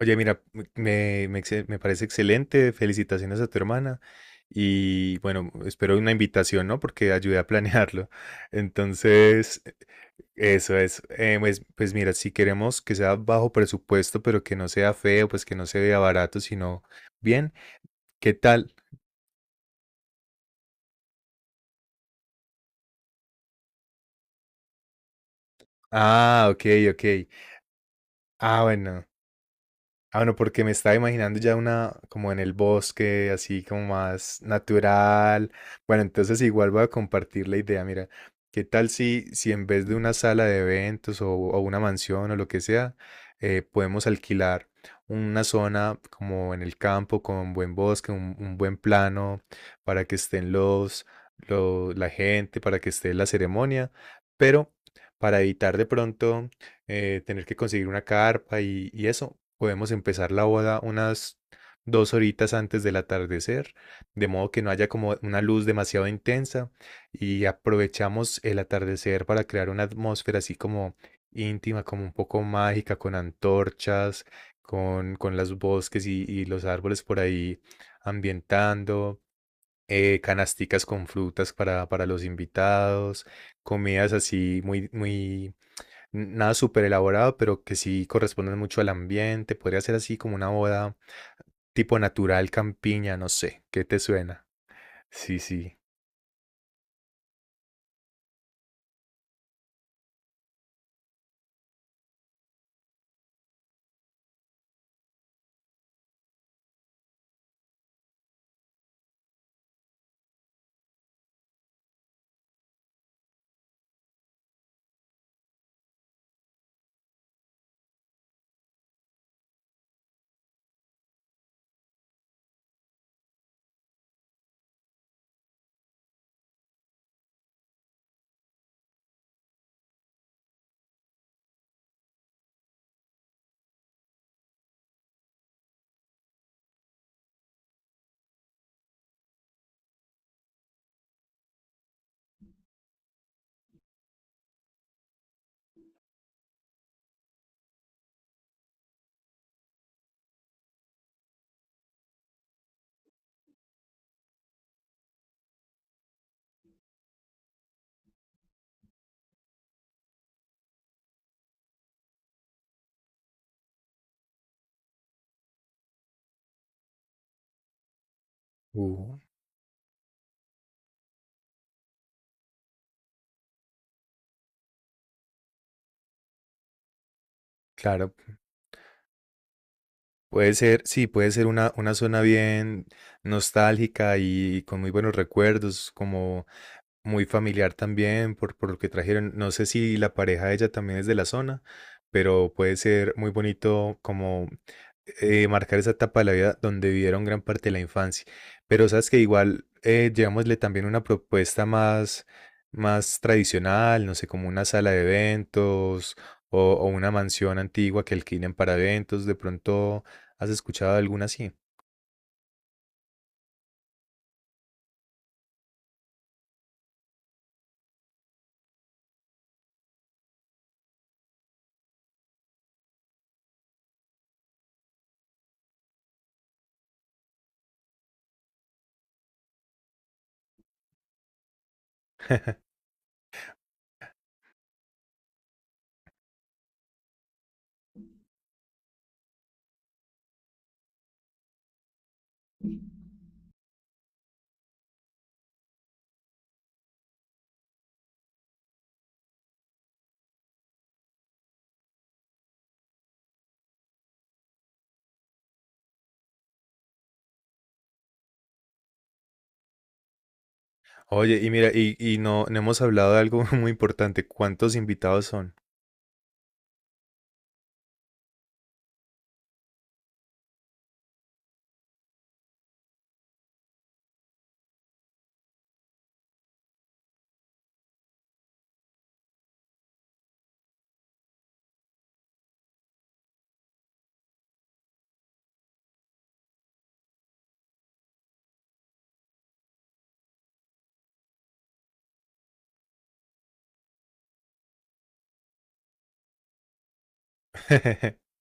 Oye, mira, me parece excelente. Felicitaciones a tu hermana. Y bueno, espero una invitación, ¿no? Porque ayudé a planearlo. Entonces, eso es. Pues mira, si queremos que sea bajo presupuesto, pero que no sea feo, pues que no se vea barato, sino bien, ¿qué tal? Ah, ok, ok. Ah, bueno. Ah, bueno, porque me estaba imaginando ya una como en el bosque, así como más natural. Bueno, entonces igual voy a compartir la idea. Mira, ¿qué tal si en vez de una sala de eventos o una mansión o lo que sea, podemos alquilar una zona como en el campo con buen bosque, un buen plano, para que estén la gente, para que esté la ceremonia, pero para evitar de pronto tener que conseguir una carpa y eso. Podemos empezar la boda unas dos horitas antes del atardecer, de modo que no haya como una luz demasiado intensa y aprovechamos el atardecer para crear una atmósfera así como íntima, como un poco mágica, con antorchas, con los bosques y los árboles por ahí ambientando, canasticas con frutas para los invitados, comidas así muy. Nada súper elaborado, pero que sí corresponden mucho al ambiente. Podría ser así como una boda tipo natural, campiña, no sé. ¿Qué te suena? Sí, sí. Uh, claro. Puede ser, sí, puede ser una zona bien nostálgica y con muy buenos recuerdos, como muy familiar también por lo que trajeron. No sé si la pareja de ella también es de la zona, pero puede ser muy bonito como marcar esa etapa de la vida donde vivieron gran parte de la infancia. Pero sabes que igual llevámosle también una propuesta más tradicional, no sé, como una sala de eventos o una mansión antigua que alquilen para eventos. De pronto, ¿has escuchado alguna así? Oye, y mira, y no, no hemos hablado de algo muy importante. ¿Cuántos invitados son?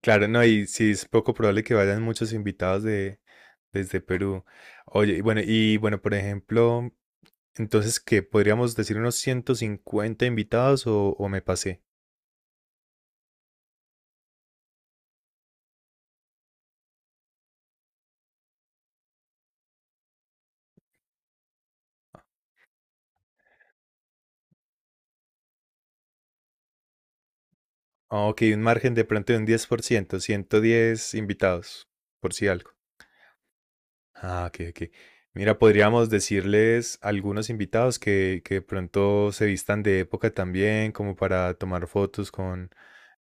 Claro, no, y sí es poco probable que vayan muchos invitados desde Perú. Oye, y bueno, por ejemplo, entonces, ¿qué? ¿Podríamos decir unos 150 invitados o me pasé? Ah, ok, un margen de pronto de un 10%, 110 invitados, por si algo. Ah, ok, ok. Mira, podríamos decirles a algunos invitados que de pronto se vistan de época también, como para tomar fotos con,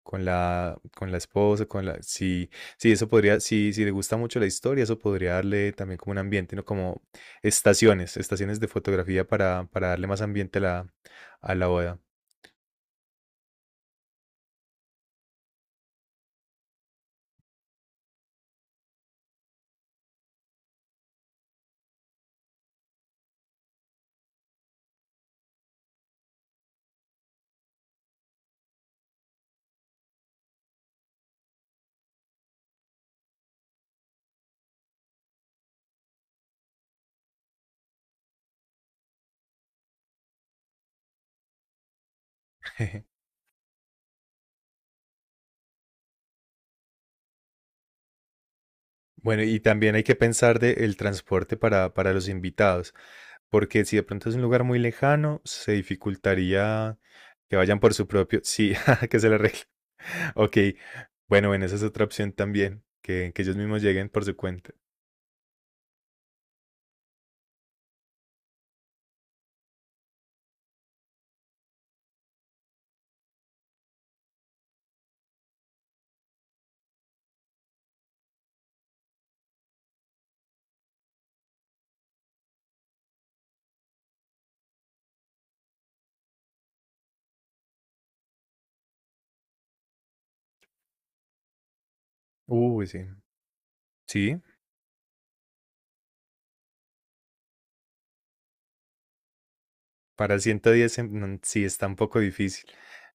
con la, con la esposa, con la... Sí, sí, eso podría, sí, si le gusta mucho la historia, eso podría darle también como un ambiente, ¿no? Como estaciones, estaciones de fotografía para darle más ambiente a la boda. Bueno, y también hay que pensar de el transporte para los invitados, porque si de pronto es un lugar muy lejano, se dificultaría que vayan por su propio... Sí, que se le arregle. Ok, bueno, bueno, esa es otra opción también, que ellos mismos lleguen por su cuenta. Uy, sí. Sí, para el 110 en- no, sí está un poco difícil.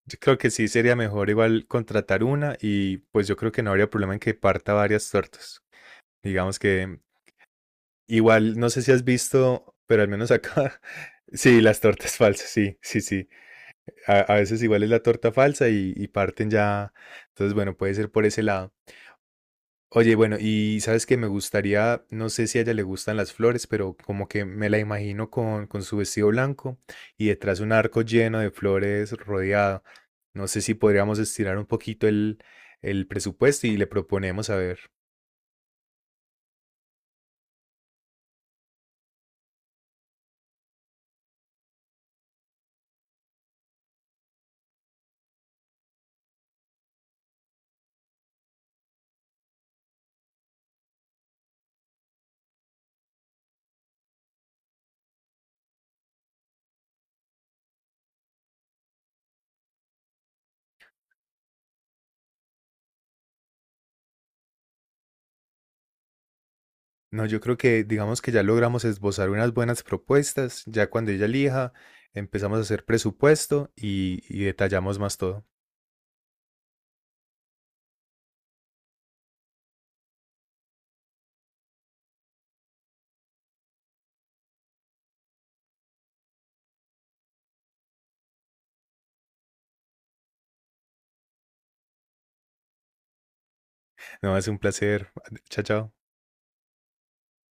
Yo creo que sí sería mejor igual contratar una y pues yo creo que no habría problema en que parta varias tortas. Digamos que igual, no sé si has visto, pero al menos acá, sí, las tortas falsas, sí, sí, sí. A veces igual es la torta falsa y parten ya. Entonces, bueno, puede ser por ese lado. Oye, bueno, y sabes que me gustaría, no sé si a ella le gustan las flores, pero como que me la imagino con su vestido blanco y detrás un arco lleno de flores rodeado. No sé si podríamos estirar un poquito el presupuesto y le proponemos a ver. No, yo creo que digamos que ya logramos esbozar unas buenas propuestas. Ya cuando ella elija, empezamos a hacer presupuesto y detallamos más todo. No, es un placer. Chao, chao.